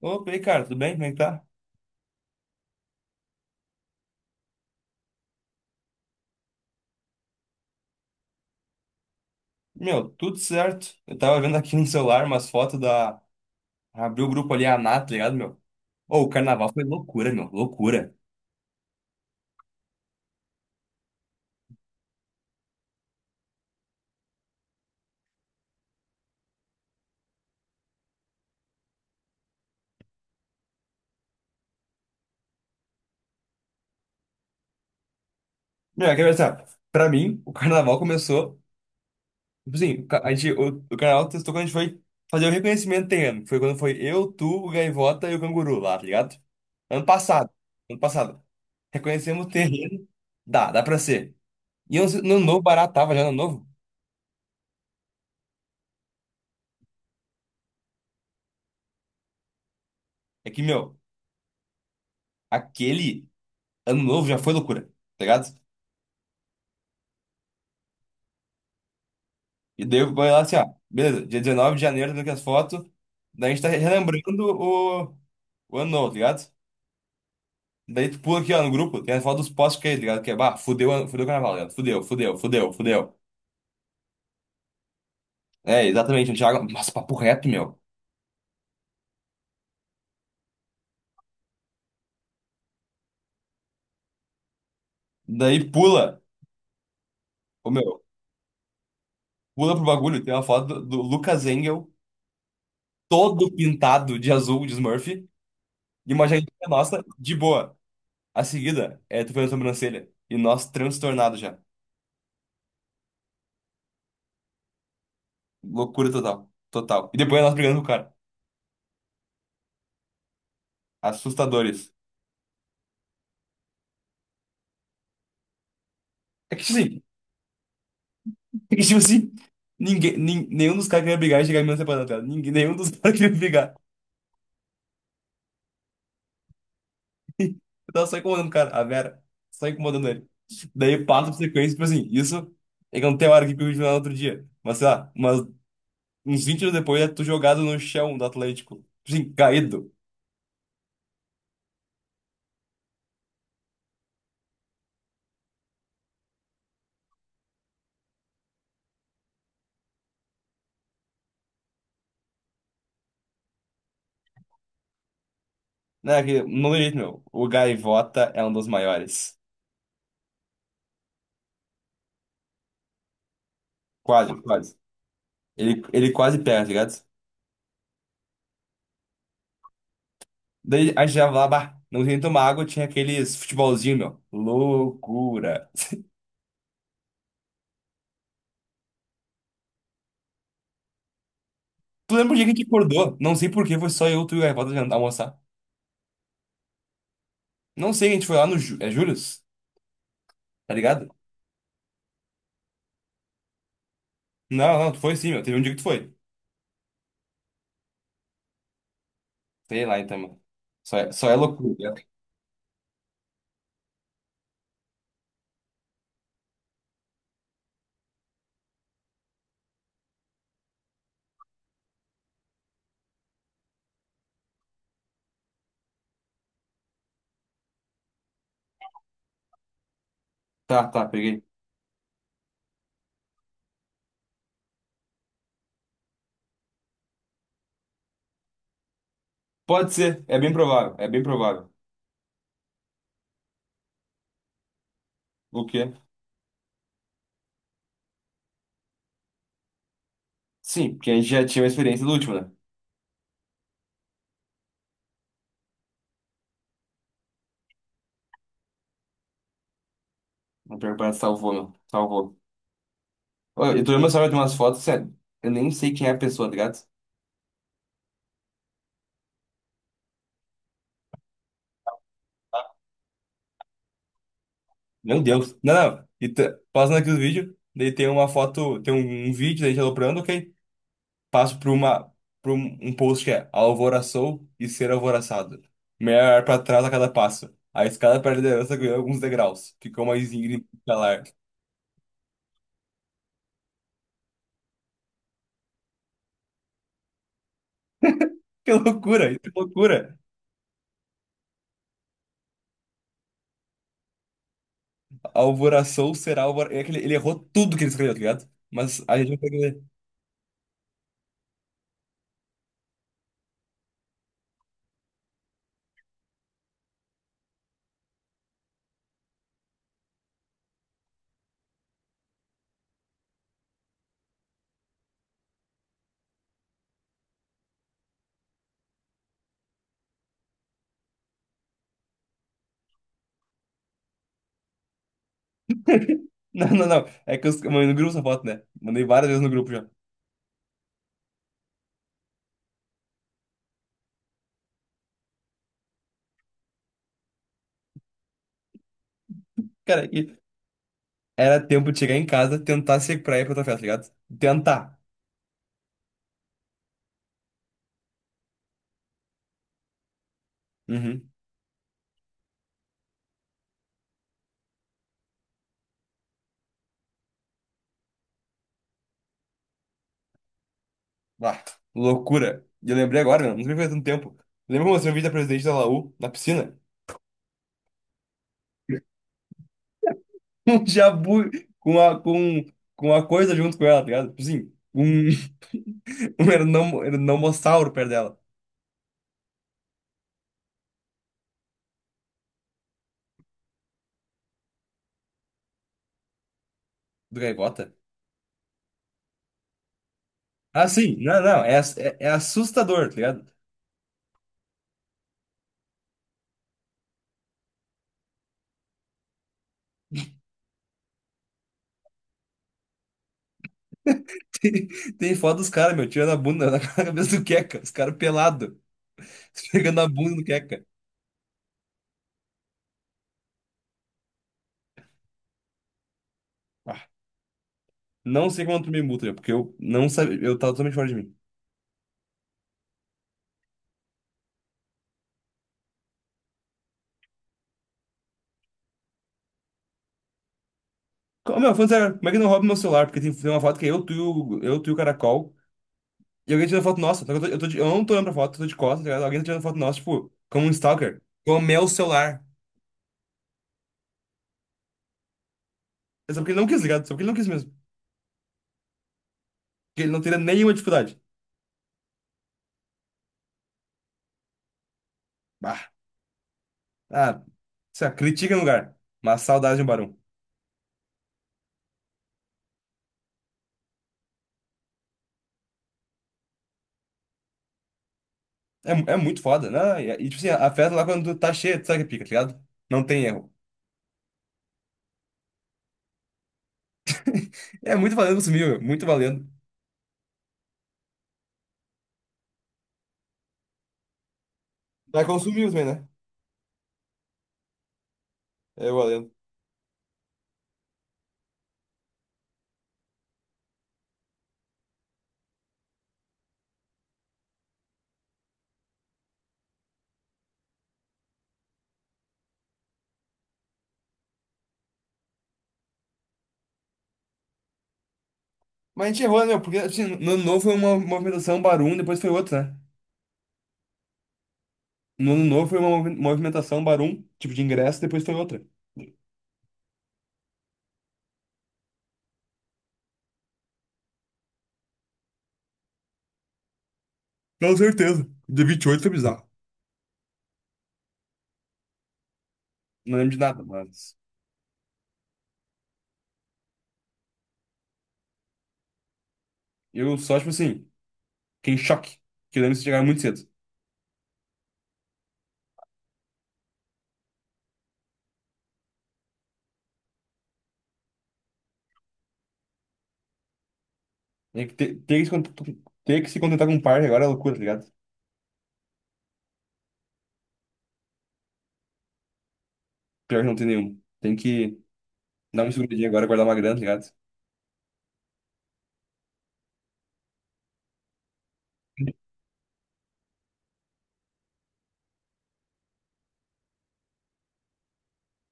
Opa, e aí, cara, tudo bem? Como é que tá? Meu, tudo certo. Eu tava vendo aqui no celular umas fotos da. Abriu o grupo ali, a Nath, tá ligado, meu? Ô, o carnaval foi loucura. Meu, quer ver. Pra mim, o carnaval começou. Tipo assim, a gente, o carnaval testou quando a gente foi fazer o reconhecimento terreno. Que Foi quando foi eu, tu, o Gaivota e o Canguru lá, tá ligado? Ano passado. Ano passado. Reconhecemos o terreno. Dá pra ser. E eu no novo barato tava já no novo. É que, meu, aquele. Ano novo já foi loucura, tá ligado? E daí eu vou lá assim, ó, beleza, dia 19 de janeiro, daqui as fotos, daí a gente tá relembrando o ano novo, tá ligado? Daí tu pula aqui, ó, no grupo, tem as fotos dos postos que é, tá ligado? Que é, bah, fudeu, fudeu o carnaval, tá ligado? Fudeu, fudeu, fudeu, fudeu. É, exatamente, o Thiago, nossa, papo reto, meu. Daí pula, ô meu, pula pro bagulho, tem uma foto do Lucas Engel, todo pintado de azul, de Smurf, e uma jaqueta nossa, de boa. A seguida, é, tu fez a sobrancelha, e nós transtornados já. Loucura total. Total. E depois nós brigando com o cara. Assustadores. É que, tipo assim, é que, tipo assim, nenhum dos caras queria brigar e chegar em mim separando dela. Ninguém, nenhum dos caras queria brigar. Eu tava só incomodando o cara, a Vera. Só incomodando ele. Daí passa por sequência, tipo assim, isso é que não tem hora que eu vi no outro dia. Mas sei lá, uns 20 anos depois é tu jogado no chão do Atlético. Tipo assim, caído. Né, que não tem jeito, meu. O Gaivota é um dos maiores. Quase, quase. Ele quase pega, tá ligado? Daí a gente já lá, bah, não tinha nem tomar água, tinha aqueles futebolzinho, meu. Loucura. Tu lembra o dia que a gente acordou? Não sei por que foi só eu, tu e o Gaivota jantar, almoçar. Não sei, a gente foi lá no Július, tá ligado? Não, não, tu foi sim, meu. Teve um dia que tu foi. Sei lá, então, mano. Só é loucura, né? Tá, tá, peguei. Pode ser, é bem provável, é bem provável. O quê? Sim, porque a gente já tinha uma experiência do último, né? O pior que parece salvou, meu. Salvou. Ô, eu tô vendo meu celular, tem umas fotos, sério. Eu nem sei quem é a pessoa, tá ligado? Meu Deus. Não, não. E passando aqui os vídeos, daí tem uma foto, tem um vídeo da gente aloprando, ok? Passo para uma, para um post que é alvoraçou e ser alvoraçado. Melhor para trás a cada passo. A escada para a liderança ganhou alguns degraus. Ficou mais íngreme e escalar. Que loucura, isso é loucura. Alvoraçou, será alvor... É que ele errou tudo que ele escreveu, tá ligado? Mas a gente não consegue ler. Não, não, não. É que eu mandei no grupo essa foto, né? Mandei várias vezes no grupo já. Cara, era tempo de chegar em casa, tentar se recuperar e ir pra tua festa, tá ligado? Tentar. Uhum. Ah, loucura. E eu lembrei agora, meu, não sei faz tanto tempo. Lembra quando eu mostrei o vídeo da presidente da Laú, na piscina? Um jabu com a, com, com a coisa junto com ela, tá ligado? Tipo assim, um, um ernomossauro perto dela. Do Gaivota? Ah, sim. Não, não. É, é, é assustador, tá ligado? Tem, tem foto dos caras, meu, tirando a bunda na cabeça do Queca. Os caras pelados, pegando a bunda do Queca. Não sei como tu me multa, porque eu não sabia. Eu tava totalmente fora de mim. Meu, falando sério, como é que não rouba meu celular? Porque tem, tem uma foto que é eu, tu, eu, tu e o caracol. E alguém tá tirando foto nossa. Só que eu, eu não tô olhando pra foto, eu tô de costas, tá ligado? Alguém tá tirando foto nossa, tipo, como um stalker. Com o meu celular. É só porque ele não quis, tá ligado? É só porque ele não quis mesmo. Porque ele não teria nenhuma dificuldade. Bah. Ah, sei lá, critica no lugar. Mas saudade de um barão. É, é muito foda, né? Tipo assim, a festa lá quando tá cheia, tu sabe que pica, tá ligado? Não tem erro. É muito valendo consumir, meu. Muito valendo. Vai consumir também, né? É valendo. Mas a gente errou, né, meu? Porque assim, no ano novo foi uma movimentação Barum, depois foi outra, né? No ano novo foi uma movimentação Barum, tipo de ingresso, depois foi outra. Com certeza. Dia 28 foi bizarro. Não lembro de nada, mas. Eu só, tipo assim, fiquei em choque. Que eu lembro que vocês chegaram muito cedo. Tem que ter que se, ter que se contentar com um par agora é loucura, tá ligado? Pior que não tem nenhum. Tem que dar uma seguradinha agora, guardar uma grana, tá ligado?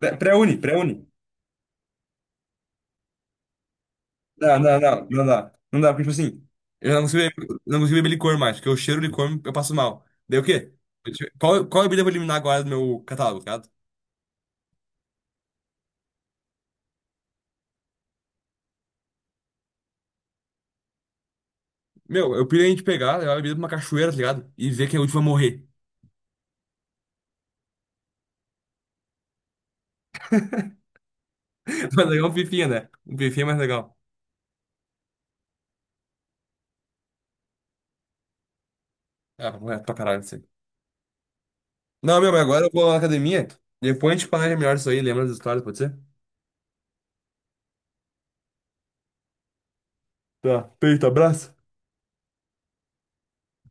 Pré-uni, pré-uni. Não, não, não, não dá. Não dá, porque, tipo assim, eu não consigo beber, eu não consigo beber licor mais, porque eu cheiro licor, eu passo mal. Daí o quê? Qual, qual bebida eu vou eliminar agora do meu catálogo, tá ligado? Meu, eu pirei a gente pegar, levar a bebida pra uma cachoeira, tá ligado? E ver quem é o último a morrer. Mas legal é um pifinha, né? Um pifinha é mais legal. Ah, é pra caralho isso aí. Não, meu, mas agora eu vou na academia. Depois a gente planeja melhor isso aí, lembra das histórias, pode ser? Tá, feito, abraço.